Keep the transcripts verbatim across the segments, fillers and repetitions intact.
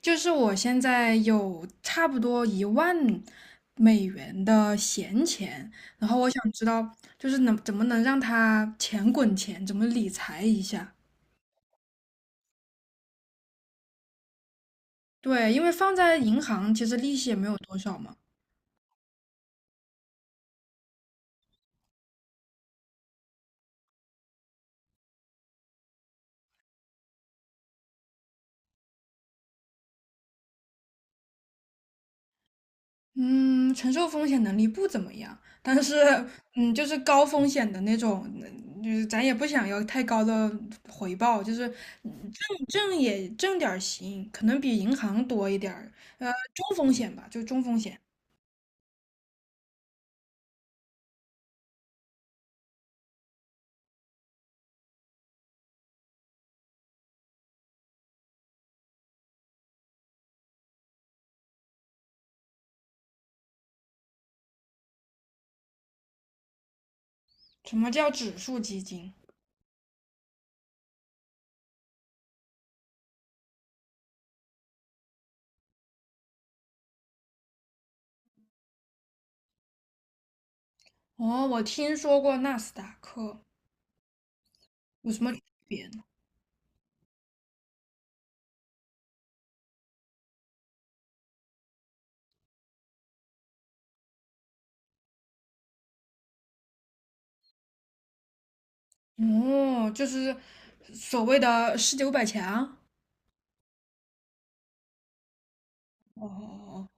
就是我现在有差不多一万美元的闲钱，然后我想知道，就是能怎么能让它钱滚钱，怎么理财一下？对，因为放在银行其实利息也没有多少嘛。嗯，承受风险能力不怎么样，但是嗯，就是高风险的那种，嗯就是咱也不想要太高的回报，就是嗯挣挣也挣点儿行，可能比银行多一点儿，呃，中风险吧，就中风险。什么叫指数基金？哦，我听说过纳斯达克，有什么区别呢？哦，就是所谓的世界五百强。哦，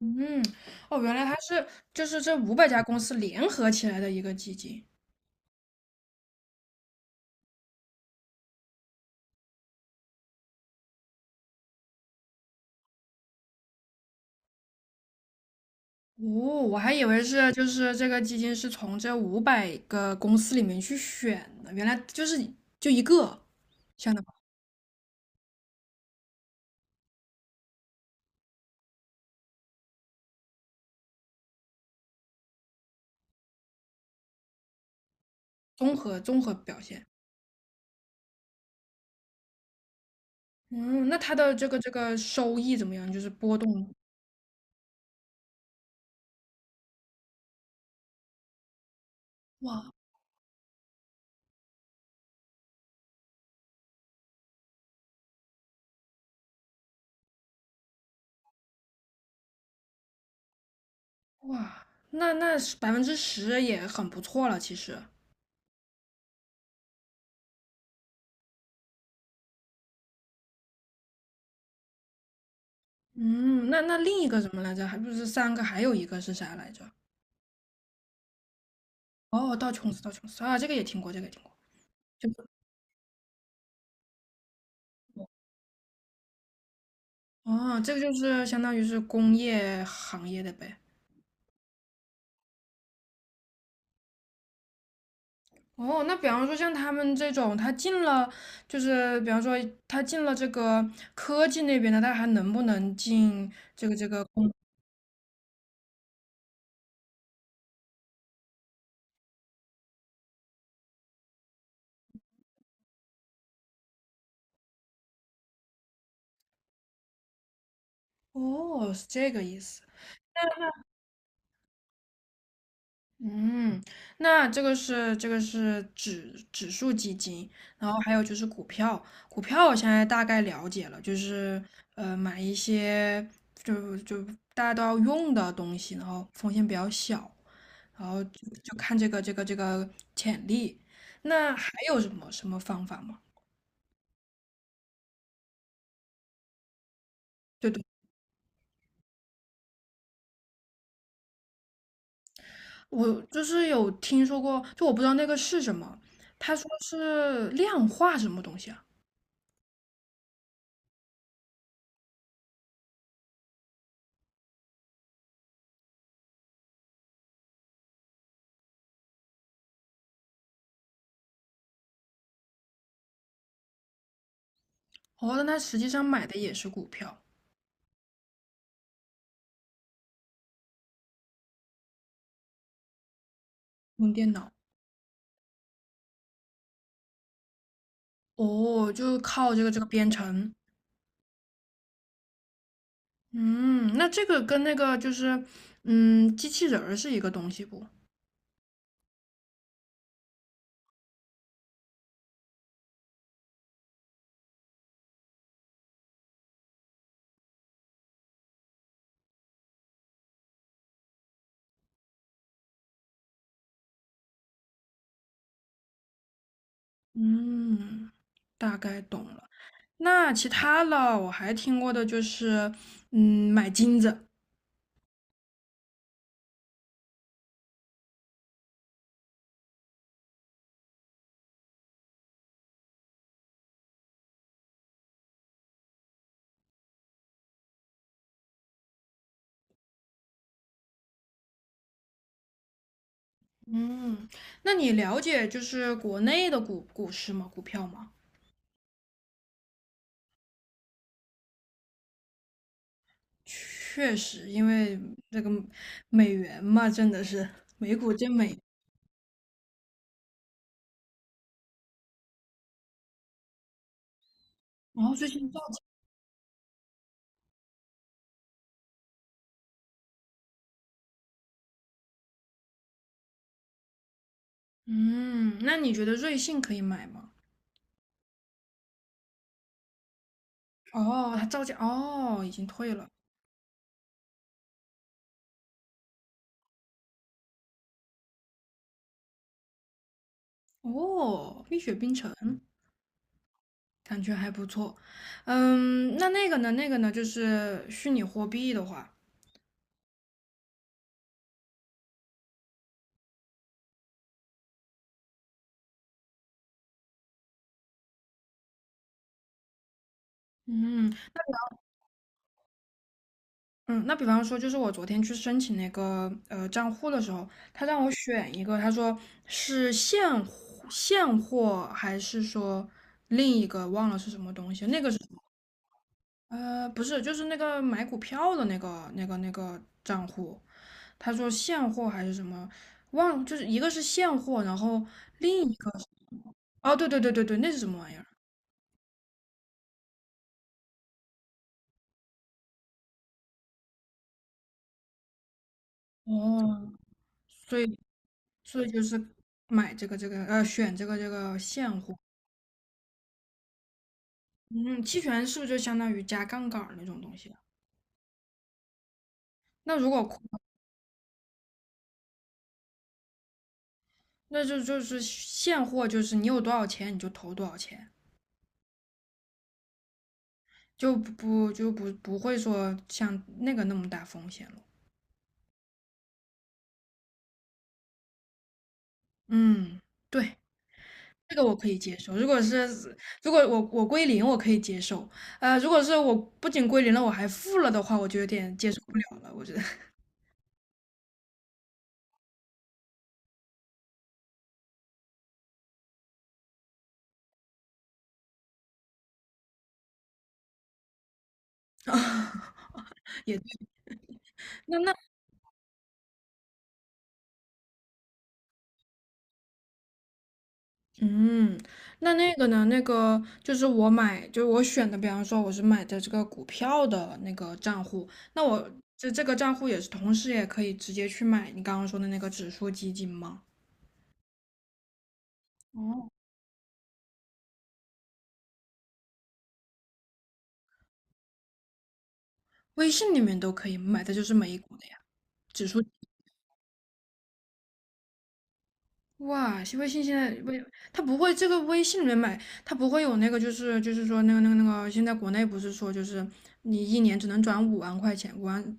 嗯，哦，原来它是就是这五百家公司联合起来的一个基金。哦，我还以为是就是这个基金是从这五百个公司里面去选的，原来就是就一个，相当于综合综合表现。嗯，那它的这个这个收益怎么样？就是波动。哇。哇，那那百分之十也很不错了，其实。嗯，那那另一个什么来着？还不是三个，还有一个是啥来着？哦，道琼斯，道琼斯啊，这个也听过，这个也听过。就是哦，这个就是相当于是工业行业的呗。哦，那比方说像他们这种，他进了，就是比方说他进了这个科技那边的，他还能不能进这个这个工？哦，是这个意思。嗯，那这个是这个是指指数基金，然后还有就是股票，股票我现在大概了解了，就是呃买一些就就大家都要用的东西，然后风险比较小，然后就就看这个这个这个潜力。那还有什么什么方法吗？对对，我就是有听说过，就我不知道那个是什么，他说是量化什么东西啊？哦，那他实际上买的也是股票，用电脑。哦，就靠这个这个编程，嗯，那这个跟那个就是，嗯，机器人儿是一个东西不？嗯，大概懂了。那其他的我还听过的就是，嗯，买金子。嗯，那你了解就是国内的股股市吗？股票吗？确实，因为这个美元嘛，真的是美股真美。然后最近造，嗯，那你觉得瑞幸可以买吗？哦，他造假，哦，已经退了。哦，《蜜雪冰城》感觉还不错。嗯，那那个呢？那个呢？就是虚拟货币的话，嗯嗯，那比方说，就是我昨天去申请那个呃账户的时候，他让我选一个，他说是现货现货还是说另一个忘了是什么东西？那个是。呃，不是，就是那个买股票的那个那个那个账户，他说现货还是什么，忘了，就是一个是现货，然后另一个，哦，对对对对对，那是什么玩意儿？哦，所以所以就是买这个这个呃，选这个这个现货，嗯，期权是不是就相当于加杠杆儿那种东西啊？那如果空那就就是现货，就是你有多少钱你就投多少钱，就不就不不会说像那个那么大风险了。嗯，对。这个我可以接受，如果是如果我我归零，我可以接受。呃，如果是我不仅归零了，我还负了的话，我就有点接受不了了。我觉得 啊也对那那嗯，那那个呢？那个就是我买，就是我选的，比方说我是买的这个股票的那个账户，那我这这个账户也是同时也可以直接去买你刚刚说的那个指数基金吗？哦，微信里面都可以买的就是美股的呀，指数。哇，微信现在微，它不会这个微信里面买，它不会有那个，就是就是说那个那个那个，现在国内不是说就是你一年只能转五万块钱，五万。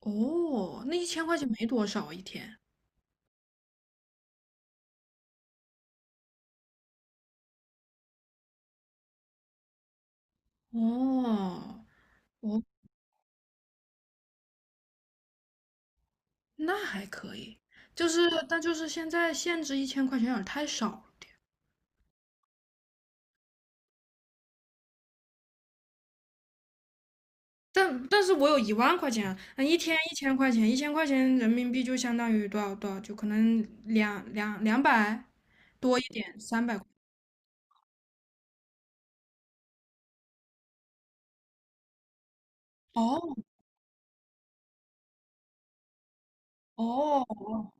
哦，那一千块钱没多少一天。哦哦，那还可以，就是但就是现在限制一千块钱有点太少了。但但是我有一万块钱啊，那一天一千块钱，一千块钱人民币就相当于多少多少，就可能两两两百多一点，三百块。哦哦。哦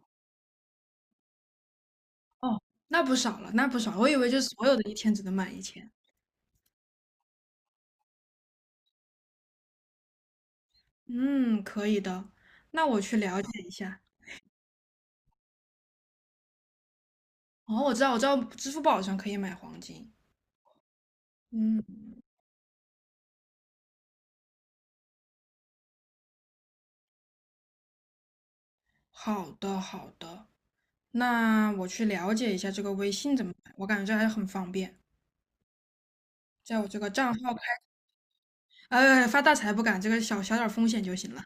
哦，那不少了，那不少了，我以为就所有的一天只能满一千。嗯，可以的，那我去了解一下。哦，我知道，我知道，支付宝上可以买黄金。嗯，好的，好的，那我去了解一下这个微信怎么买，我感觉这还是很方便，在我这个账号开，呃，发大财不敢，这个小小点儿风险就行了。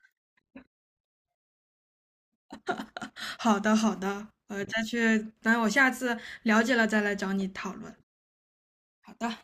好的，好的，呃，再去，等我下次了解了再来找你讨论。好的。